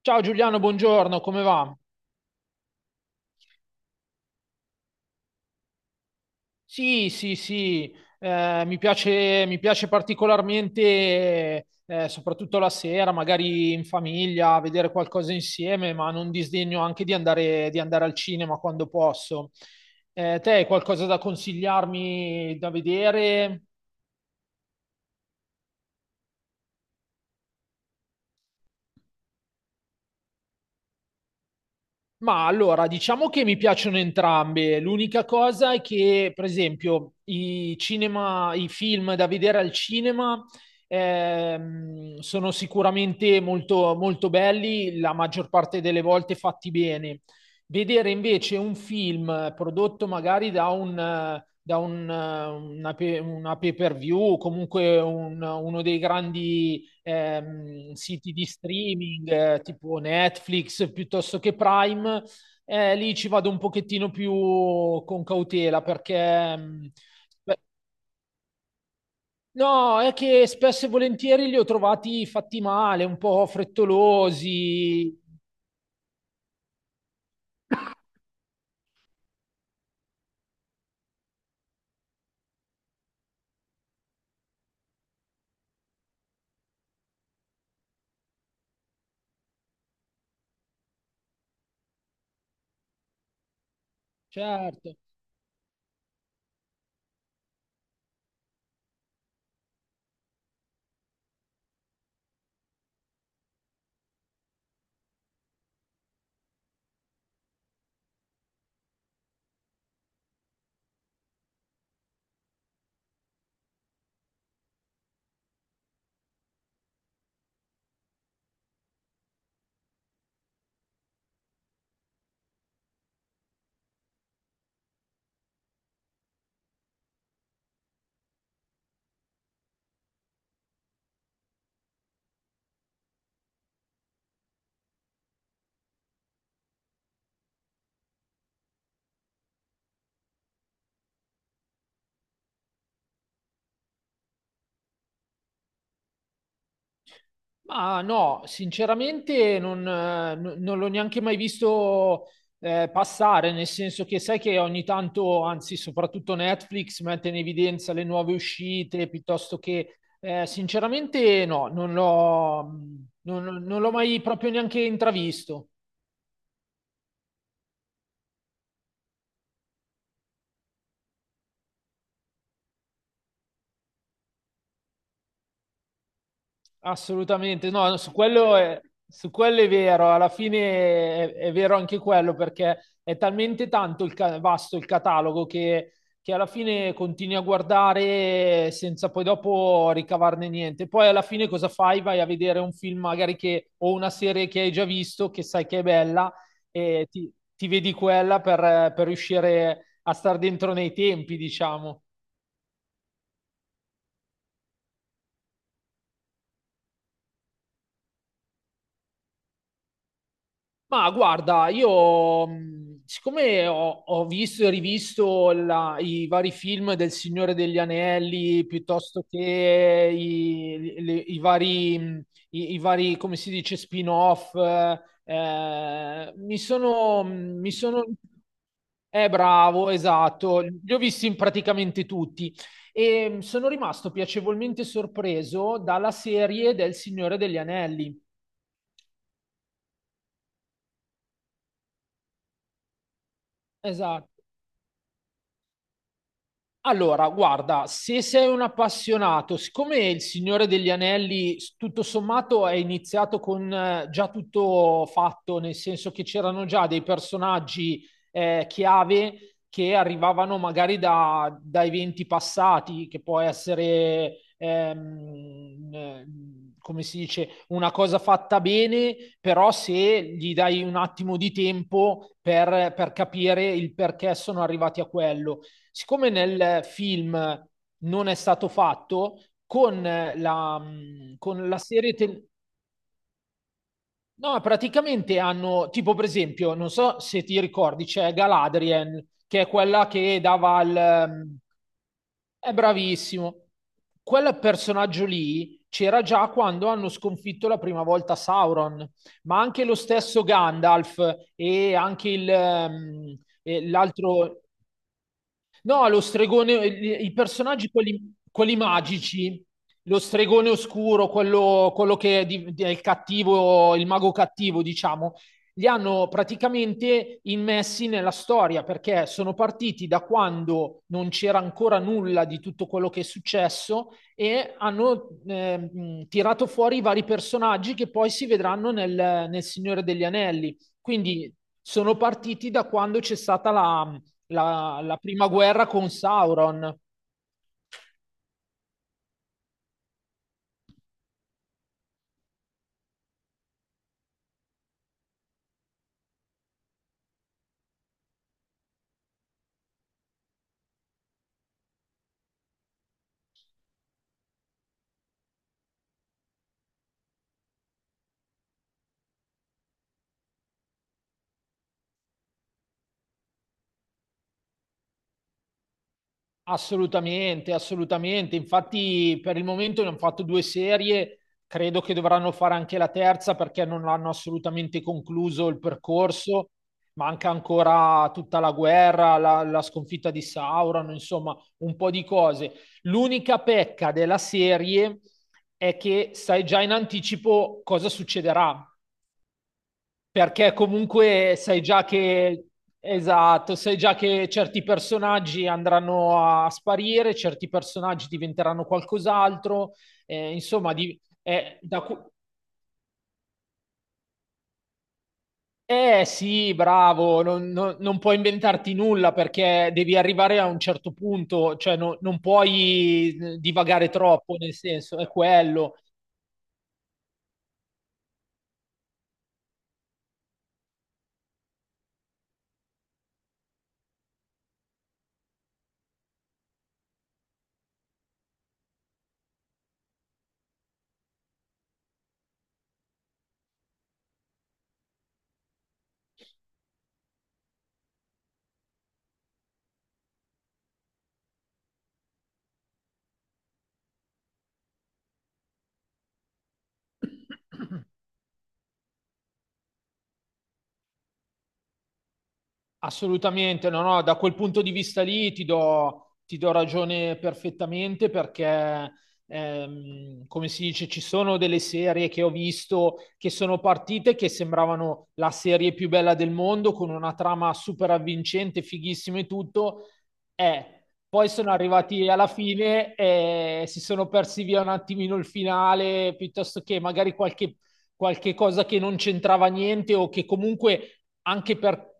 Ciao Giuliano, buongiorno, come va? Sì, sì, sì, mi piace particolarmente, soprattutto la sera, magari in famiglia, vedere qualcosa insieme, ma non disdegno anche di andare al cinema quando posso. Te hai qualcosa da consigliarmi da vedere? Ma allora, diciamo che mi piacciono entrambe. L'unica cosa è che, per esempio, i film da vedere al cinema sono sicuramente molto, molto belli, la maggior parte delle volte fatti bene. Vedere invece un film prodotto magari da un, una, pe- una pay-per-view o comunque uno dei grandi siti di streaming tipo Netflix piuttosto che Prime, lì ci vado un pochettino più con cautela perché beh, no, è che spesso e volentieri li ho trovati fatti male, un po' frettolosi. Certo. Ma no, sinceramente non l'ho neanche mai visto passare, nel senso che sai che ogni tanto, anzi soprattutto Netflix, mette in evidenza le nuove uscite, piuttosto che sinceramente no, non l'ho mai proprio neanche intravisto. Assolutamente, no, no, su quello è vero, alla fine è vero anche quello perché è talmente tanto il vasto il catalogo che alla fine continui a guardare senza poi dopo ricavarne niente. Poi alla fine cosa fai? Vai a vedere un film magari che, o una serie che hai già visto, che sai che è bella e ti, ti vedi quella per riuscire a star dentro nei tempi, diciamo. Ma guarda, io siccome ho visto e rivisto i vari film del Signore degli Anelli, piuttosto che i, le- i vari, i- i vari, come si dice, spin-off, mi sono, mi sono... bravo, esatto, li ho visti in praticamente tutti e sono rimasto piacevolmente sorpreso dalla serie del Signore degli Anelli. Esatto. Allora, guarda, se sei un appassionato, siccome il Signore degli Anelli tutto sommato è iniziato con già tutto fatto, nel senso che c'erano già dei personaggi chiave che arrivavano magari da eventi passati, che può essere, come si dice, una cosa fatta bene, però se gli dai un attimo di tempo per capire il perché sono arrivati a quello. Siccome nel film non è stato fatto, con la serie... No, praticamente hanno, tipo per esempio, non so se ti ricordi, c'è Galadriel, che è quella che dava il... È bravissimo. Quel personaggio lì c'era già quando hanno sconfitto la prima volta Sauron, ma anche lo stesso Gandalf e anche e l'altro, No, lo stregone, i personaggi, quelli, quelli magici, lo stregone oscuro, quello che è, è il cattivo, il mago cattivo, diciamo, li hanno praticamente immessi nella storia perché sono partiti da quando non c'era ancora nulla di tutto quello che è successo e hanno tirato fuori i vari personaggi che poi si vedranno nel Signore degli Anelli. Quindi sono partiti da quando c'è stata la prima guerra con Sauron. Assolutamente, assolutamente. Infatti, per il momento ne hanno fatto due serie. Credo che dovranno fare anche la terza perché non hanno assolutamente concluso il percorso. Manca ancora tutta la guerra, la sconfitta di Sauron, insomma, un po' di cose. L'unica pecca della serie è che sai già in anticipo cosa succederà. Perché comunque sai già che, esatto, sai già che certi personaggi andranno a sparire, certi personaggi diventeranno qualcos'altro, eh, insomma, di, eh, da cu- sì, bravo, non puoi inventarti nulla perché devi arrivare a un certo punto, cioè non puoi divagare troppo, nel senso, è quello. Assolutamente, no, no, da quel punto di vista lì ti do ragione perfettamente perché, come si dice, ci sono delle serie che ho visto che sono partite che sembravano la serie più bella del mondo, con una trama super avvincente, fighissima e tutto, e poi sono arrivati alla fine e si sono persi via un attimino il finale, piuttosto che magari qualche cosa che non c'entrava niente o che comunque anche, per,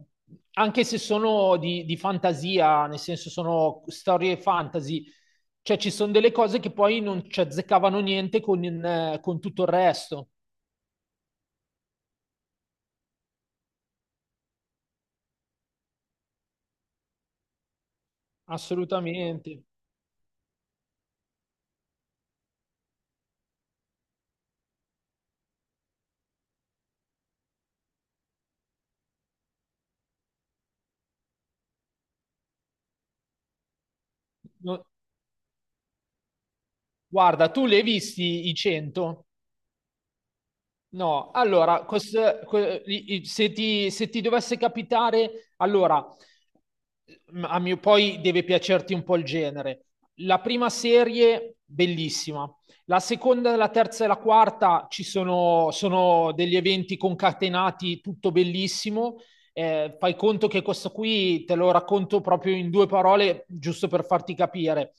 anche se sono di fantasia, nel senso sono storie fantasy, cioè ci sono delle cose che poi non ci azzeccavano niente con, con tutto il resto, assolutamente. No- Guarda, tu le hai visti i 100? No, allora, se ti, se ti dovesse capitare, allora, a mio, poi deve piacerti un po' il genere. La prima serie, bellissima. La seconda, la terza e la quarta ci sono, sono degli eventi concatenati, tutto bellissimo. Fai conto che questo qui te lo racconto proprio in due parole, giusto per farti capire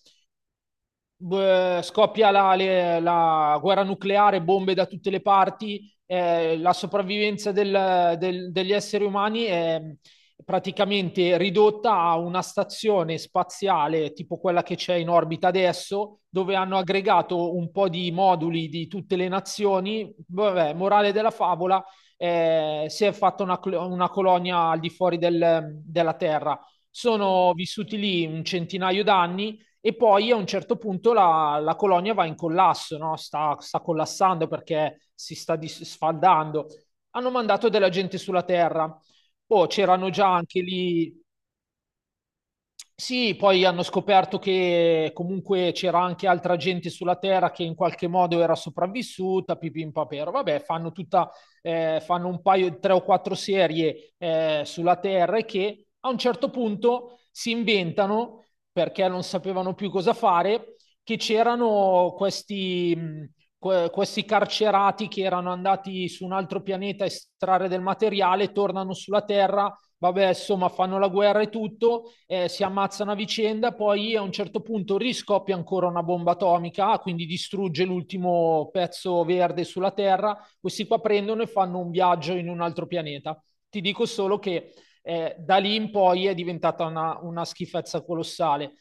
scoppia la guerra nucleare, bombe da tutte le parti, la sopravvivenza degli esseri umani è praticamente ridotta a una stazione spaziale tipo quella che c'è in orbita adesso, dove hanno aggregato un po' di moduli di tutte le nazioni. Vabbè, morale della favola, si è fatta una colonia al di fuori della Terra. Sono vissuti lì un centinaio d'anni e poi a un certo punto la colonia va in collasso, no? Sta collassando perché si sta sfaldando. Hanno mandato della gente sulla Terra. Oh, c'erano già anche lì, sì, poi hanno scoperto che comunque c'era anche altra gente sulla Terra che in qualche modo era sopravvissuta, pipim papero. Vabbè, fanno tutta, fanno un paio, tre o quattro serie sulla Terra e che a un certo punto si inventano, perché non sapevano più cosa fare, che c'erano questi carcerati che erano andati su un altro pianeta a estrarre del materiale, tornano sulla Terra vabbè, insomma, fanno la guerra e tutto, si ammazzano a vicenda, poi a un certo punto riscoppia ancora una bomba atomica, quindi distrugge l'ultimo pezzo verde sulla Terra. Questi qua prendono e fanno un viaggio in un altro pianeta. Ti dico solo che da lì in poi è diventata una schifezza colossale.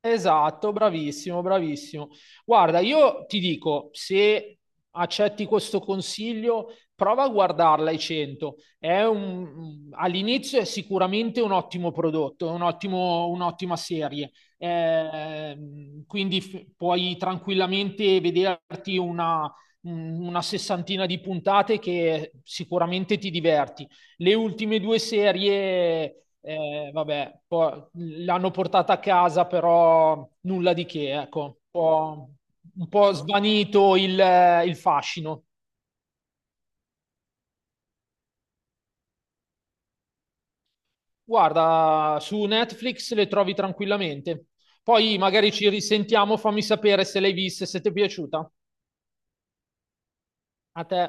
Esatto, bravissimo, bravissimo. Guarda, io ti dico, se accetti questo consiglio, prova a guardarla ai 100. All'inizio è sicuramente un ottimo prodotto, è un un'ottima serie. Puoi tranquillamente vederti una sessantina di puntate che sicuramente ti diverti. Le ultime due serie vabbè, l'hanno portata a casa, però nulla di che, ecco, un po' svanito il fascino. Guarda, su Netflix le trovi tranquillamente. Poi magari ci risentiamo, fammi sapere se l'hai vista e se ti è piaciuta. A te.